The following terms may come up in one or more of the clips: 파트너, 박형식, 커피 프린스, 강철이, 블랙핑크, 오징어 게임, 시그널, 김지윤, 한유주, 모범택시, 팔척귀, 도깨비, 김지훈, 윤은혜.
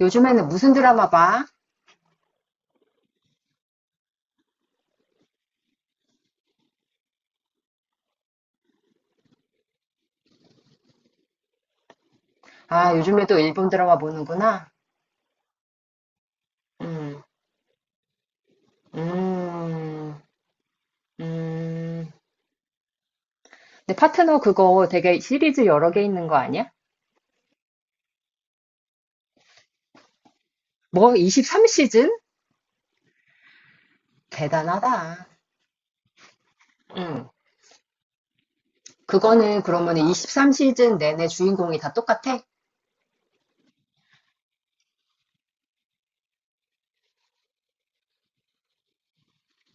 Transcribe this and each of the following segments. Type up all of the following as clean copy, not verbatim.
요즘에는 무슨 드라마 봐? 아, 요즘에도 일본 드라마 보는구나. 음, 음, 음. 근데 파트너 그거 되게 시리즈 여러 개 있는 거 아니야? 뭐, 23시즌? 대단하다. 음. 그거는 그러면 23시즌 내내 주인공이 다 똑같아?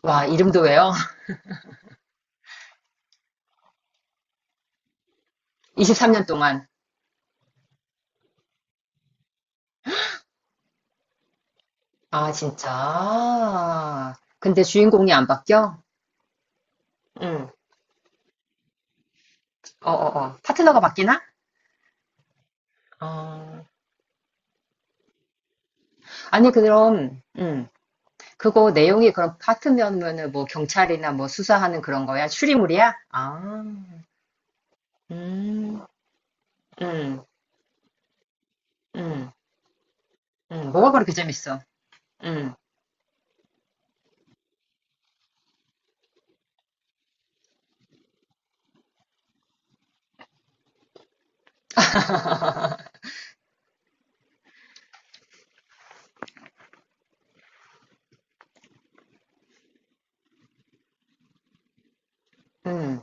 와, 이름도 외워? 23년 동안. 아, 진짜. 근데 주인공이 안 바뀌어? 응. 어, 어, 어. 파트너가 바뀌나? 어. 아니, 그럼, 그거 내용이 그럼 파트면은 뭐 경찰이나 뭐 수사하는 그런 거야? 추리물이야? 아, 음, 음, 음, 뭐가 그렇게 재밌어? 음, 음,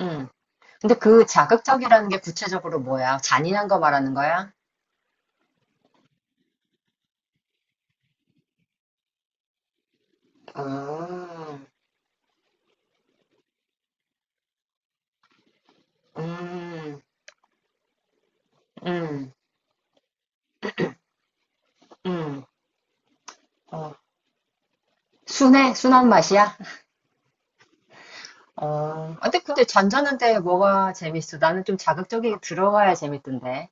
음. 근데 그 자극적이라는 게 구체적으로 뭐야? 잔인한 거 말하는 거야? 아, 음, 음, 음. 어. 순해? 순한 맛이야? 어. 아, 근데 잔잔한데 뭐가 재밌어? 나는 좀 자극적이게 들어가야 재밌던데.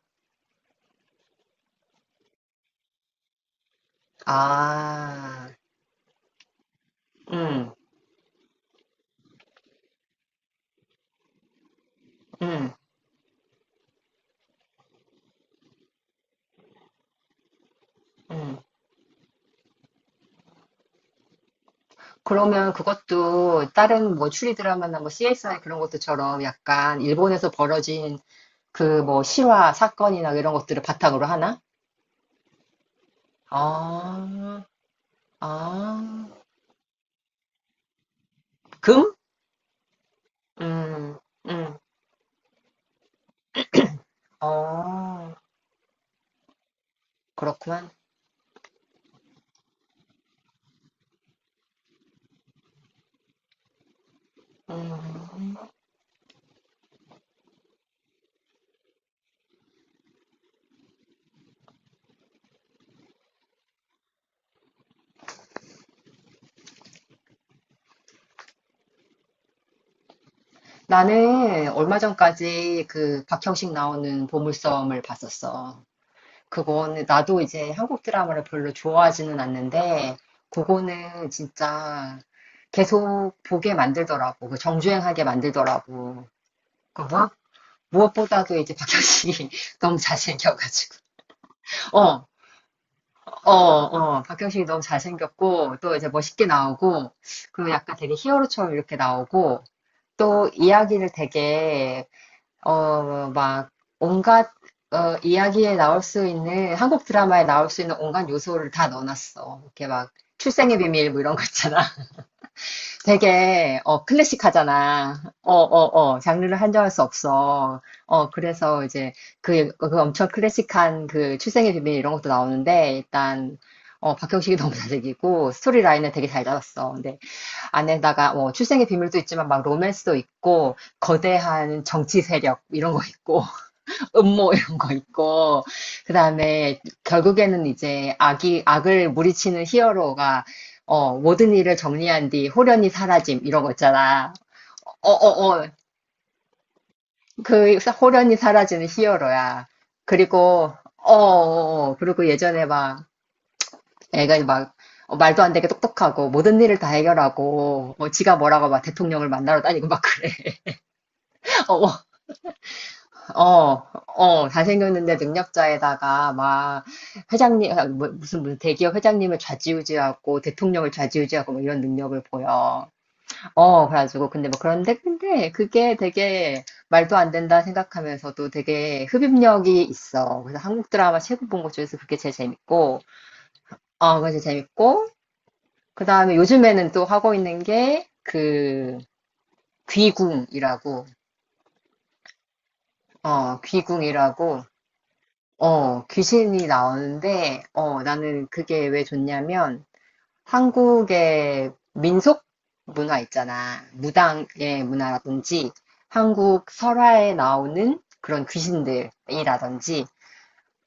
아. 음, 음, 음. 그러면 그것도 다른 뭐 추리 드라마나 뭐 CSI 그런 것들처럼 약간 일본에서 벌어진 그 뭐 실화 사건이나 이런 것들을 바탕으로 하나? 아, 아, 금? 음, 음, 어, 그렇구만. 음. 나는 얼마 전까지 그 박형식 나오는 보물섬을 봤었어. 그거는 나도 이제 한국 드라마를 별로 좋아하지는 않는데 그거는 진짜 계속 보게 만들더라고. 그 정주행하게 만들더라고. 그무 무엇보다도 이제 박형식이 너무 잘생겨가지고. 어, 어, 어. 박형식이 너무 잘생겼고 또 이제 멋있게 나오고 그리고 약간 되게 히어로처럼 이렇게 나오고 또 이야기를 되게 막, 온갖, 이야기에 나올 수 있는, 한국 드라마에 나올 수 있는 온갖 요소를 다 넣어놨어. 이렇게 막, 출생의 비밀, 뭐 이런 거 있잖아. 되게, 클래식하잖아. 어, 어, 어, 장르를 한정할 수 없어. 어, 그래서 이제, 그 엄청 클래식한 그 출생의 비밀 이런 것도 나오는데, 일단, 어, 박형식이 너무 잘생기고, 스토리 라인을 되게 잘 잡았어. 근데, 안에다가, 뭐, 출생의 비밀도 있지만, 막, 로맨스도 있고, 거대한 정치 세력, 이런 거 있고, 음모 이런 거 있고 그다음에 결국에는 이제 악이 악을 무리치는 히어로가 모든 일을 정리한 뒤 호련히 사라짐 이런 거 있잖아. 어, 어, 어, 그 호련히 사라지는 히어로야. 그리고 어, 어, 어. 그리고 예전에 막 애가 막 말도 안 되게 똑똑하고 모든 일을 다 해결하고 지가 뭐라고 막 대통령을 만나러 다니고 막 그래. 어, 어. 어, 어, 잘생겼는데 능력자에다가 막 회장님, 아, 뭐, 무슨 대기업 회장님을 좌지우지하고 대통령을 좌지우지하고 뭐 이런 능력을 보여. 어, 그래가지고 근데 뭐 그런데 근데 그게 되게 말도 안 된다 생각하면서도 되게 흡입력이 있어. 그래서 한국 드라마 최고 본 것 중에서 그게 제일 재밌고, 어, 그게 제일 재밌고, 그 다음에 요즘에는 또 하고 있는 게 그 귀궁이라고, 귀궁이라고. 어, 귀신이 나오는데, 나는 그게 왜 좋냐면, 한국의 민속 문화 있잖아. 무당의 문화라든지, 한국 설화에 나오는 그런 귀신들이라든지,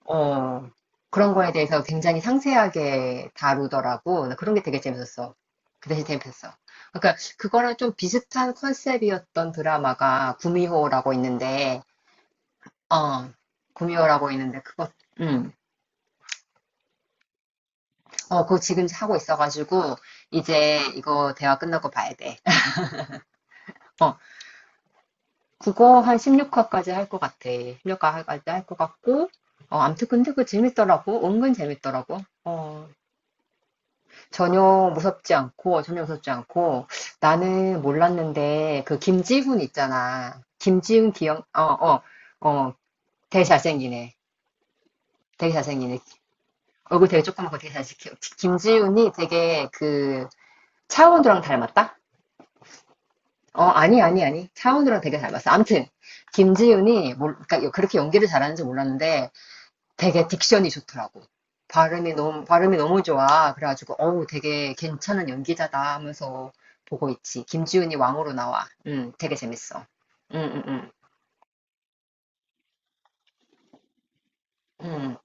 어, 그런 거에 대해서 굉장히 상세하게 다루더라고. 나 그런 게 되게 재밌었어. 그 대신 재밌었어. 그러니까, 그거랑 좀 비슷한 컨셉이었던 드라마가 구미호라고 있는데, 어, 구미호라고 있는데, 그거, 음. 어, 그거 지금 하고 있어가지고, 이제 이거 대화 끝나고 봐야 돼. 어, 그거 한 16화까지 할 것 같아. 16화까지 할 것 같고, 어, 암튼 근데 그거 재밌더라고. 은근 재밌더라고. 어, 전혀 무섭지 않고, 전혀 무섭지 않고, 나는 몰랐는데, 그 김지훈 있잖아. 김지훈 기억, 어, 어, 어, 되게 잘생기네. 되게 잘생기네. 얼굴 되게 조그맣고 되게 잘생겨. 김지훈이 되게 그, 차은우랑 닮았다? 어, 아니, 아니, 아니. 차은우랑 되게 닮았어. 아무튼, 김지윤이, 뭘, 그러니까 그렇게 연기를 잘하는지 몰랐는데, 되게 딕션이 좋더라고. 발음이 너무 좋아. 그래가지고, 어우, 되게 괜찮은 연기자다 하면서 보고 있지. 김지윤이 왕으로 나와. 되게 재밌어. 음, 음, 음.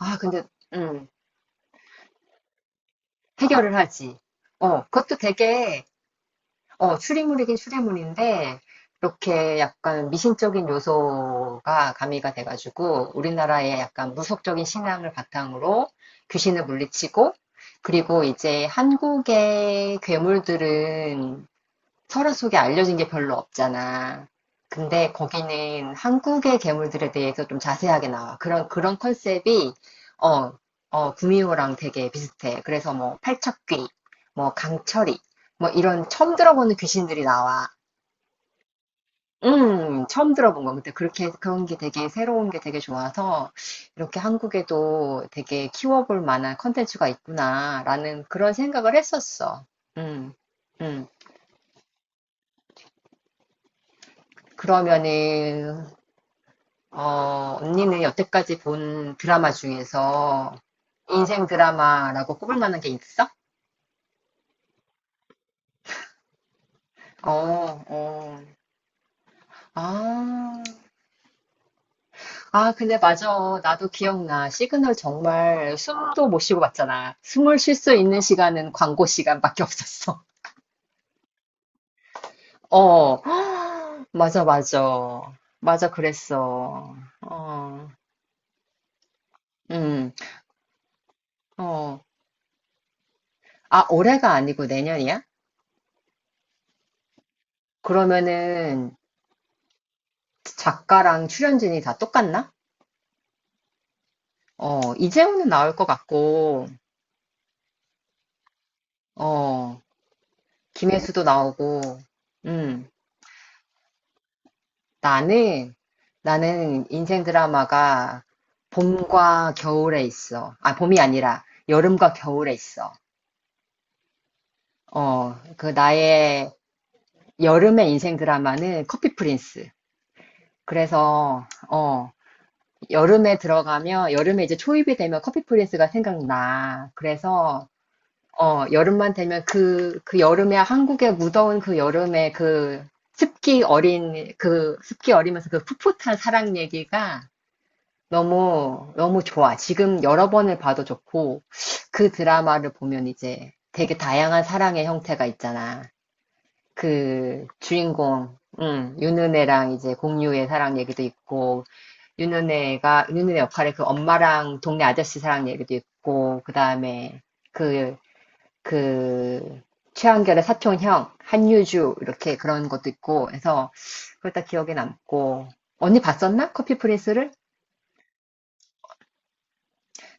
아, 근데, 음, 해결을 하지. 어, 그것도 되게, 어, 추리물이긴 추리물인데, 이렇게 약간 미신적인 요소가 가미가 돼가지고, 우리나라의 약간 무속적인 신앙을 바탕으로 귀신을 물리치고, 그리고 이제 한국의 괴물들은 서로 속에 알려진 게 별로 없잖아. 근데 거기는 한국의 괴물들에 대해서 좀 자세하게 나와. 그런 컨셉이, 어, 어, 구미호랑 되게 비슷해. 그래서 뭐, 팔척귀, 뭐, 강철이, 뭐, 이런 처음 들어보는 귀신들이 나와. 처음 들어본 거. 근데 그렇게, 그런 게 되게 새로운 게 되게 좋아서, 이렇게 한국에도 되게 키워볼 만한 컨텐츠가 있구나라는 그런 생각을 했었어. 음, 음. 그러면은, 언니는 여태까지 본 드라마 중에서 인생 드라마라고 꼽을 만한 게 있어? 어, 어. 아, 아, 근데 맞아. 나도 기억나. 시그널 정말 숨도 못 쉬고 봤잖아. 숨을 쉴 수 있는 시간은 광고 시간밖에 없었어. 어, 맞아, 맞아. 맞아, 그랬어. 어, 음, 어. 아, 올해가 아니고 내년이야? 그러면은 작가랑 출연진이 다 똑같나? 어, 이재호는 나올 것 같고, 어, 김혜수도 나오고, 음, 나는, 나는 인생 드라마가 봄과 겨울에 있어. 아, 봄이 아니라 여름과 겨울에 있어. 어, 그 나의 여름의 인생 드라마는 커피 프린스. 그래서, 여름에 들어가면, 여름에 이제 초입이 되면 커피 프린스가 생각나. 그래서, 여름만 되면 그, 여름에 한국의 무더운 그 여름에 그 습기 어리면서 그 풋풋한 사랑 얘기가 너무, 너무 좋아. 지금 여러 번을 봐도 좋고, 그 드라마를 보면 이제 되게 다양한 사랑의 형태가 있잖아. 그 주인공, 윤은혜랑 이제 공유의 사랑 얘기도 있고, 윤은혜 역할의 그 엄마랑 동네 아저씨 사랑 얘기도 있고, 그 다음에 그 그 최한결의 사촌형, 한유주 이렇게 그런 것도 있고 해서 그걸 다 기억에 남고 언니 봤었나? 커피 프린스를?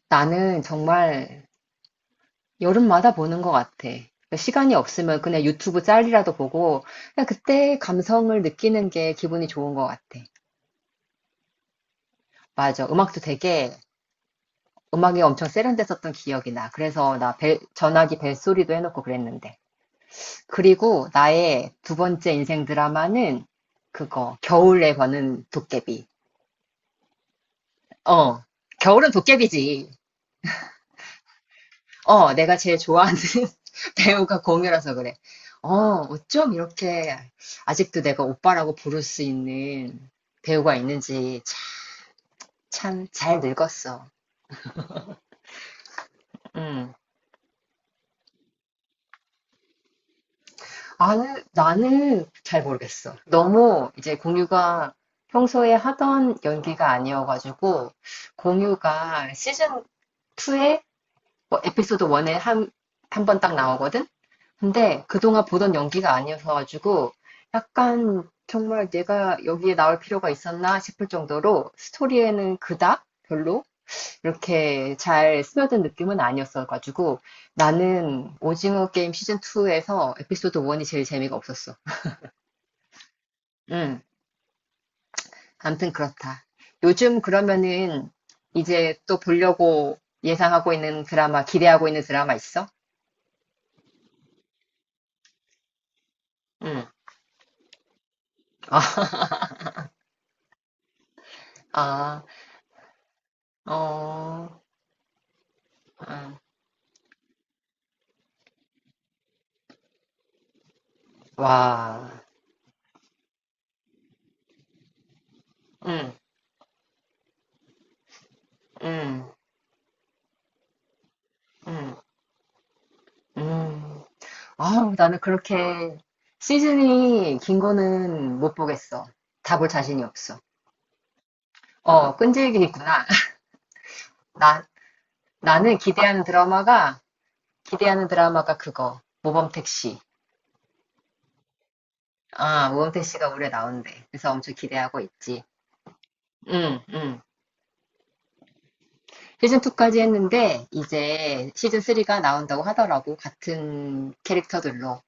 나는 정말 여름마다 보는 것 같아. 시간이 없으면 그냥 유튜브 짤이라도 보고 그냥 그때 감성을 느끼는 게 기분이 좋은 것 같아. 맞아. 음악도 되게 음악이 엄청 세련됐었던 기억이 나. 그래서 나 전화기 벨소리도 해놓고 그랬는데. 그리고 나의 두 번째 인생 드라마는 그거, 겨울에 버는 도깨비. 어, 겨울은 도깨비지. 어, 내가 제일 좋아하는 배우가 공유라서 그래. 어, 어쩜 이렇게 아직도 내가 오빠라고 부를 수 있는 배우가 있는지 참 잘 늙었어. 음. 나는 잘 모르겠어. 너무 이제 공유가 평소에 하던 연기가 아니어가지고 공유가 시즌 2에 뭐 에피소드 1에 한, 한 번 딱 나오거든? 근데 그동안 보던 연기가 아니어서가지고 약간 정말 내가 여기에 나올 필요가 있었나 싶을 정도로 스토리에는 그닥 별로 이렇게 잘 스며든 느낌은 아니었어가지고 나는 오징어 게임 시즌2에서 에피소드 1이 제일 재미가 없었어. 음, 암튼 그렇다. 요즘 그러면은 이제 또 보려고 예상하고 있는 드라마, 기대하고 있는 드라마 있어? 응. 아, 아. 어, 응. 와, 응, 응, 응, 응. 아우, 나는 그렇게 시즌이 긴 거는 못 보겠어. 다 볼 자신이 없어. 어, 끈질기겠구나. 나, 나는 기대하는 드라마가, 기대하는 드라마가 그거. 모범택시. 아, 모범택시가 올해 나온대. 그래서 엄청 기대하고 있지. 응, 응. 시즌 2까지 했는데, 이제 시즌 3가 나온다고 하더라고. 같은 캐릭터들로.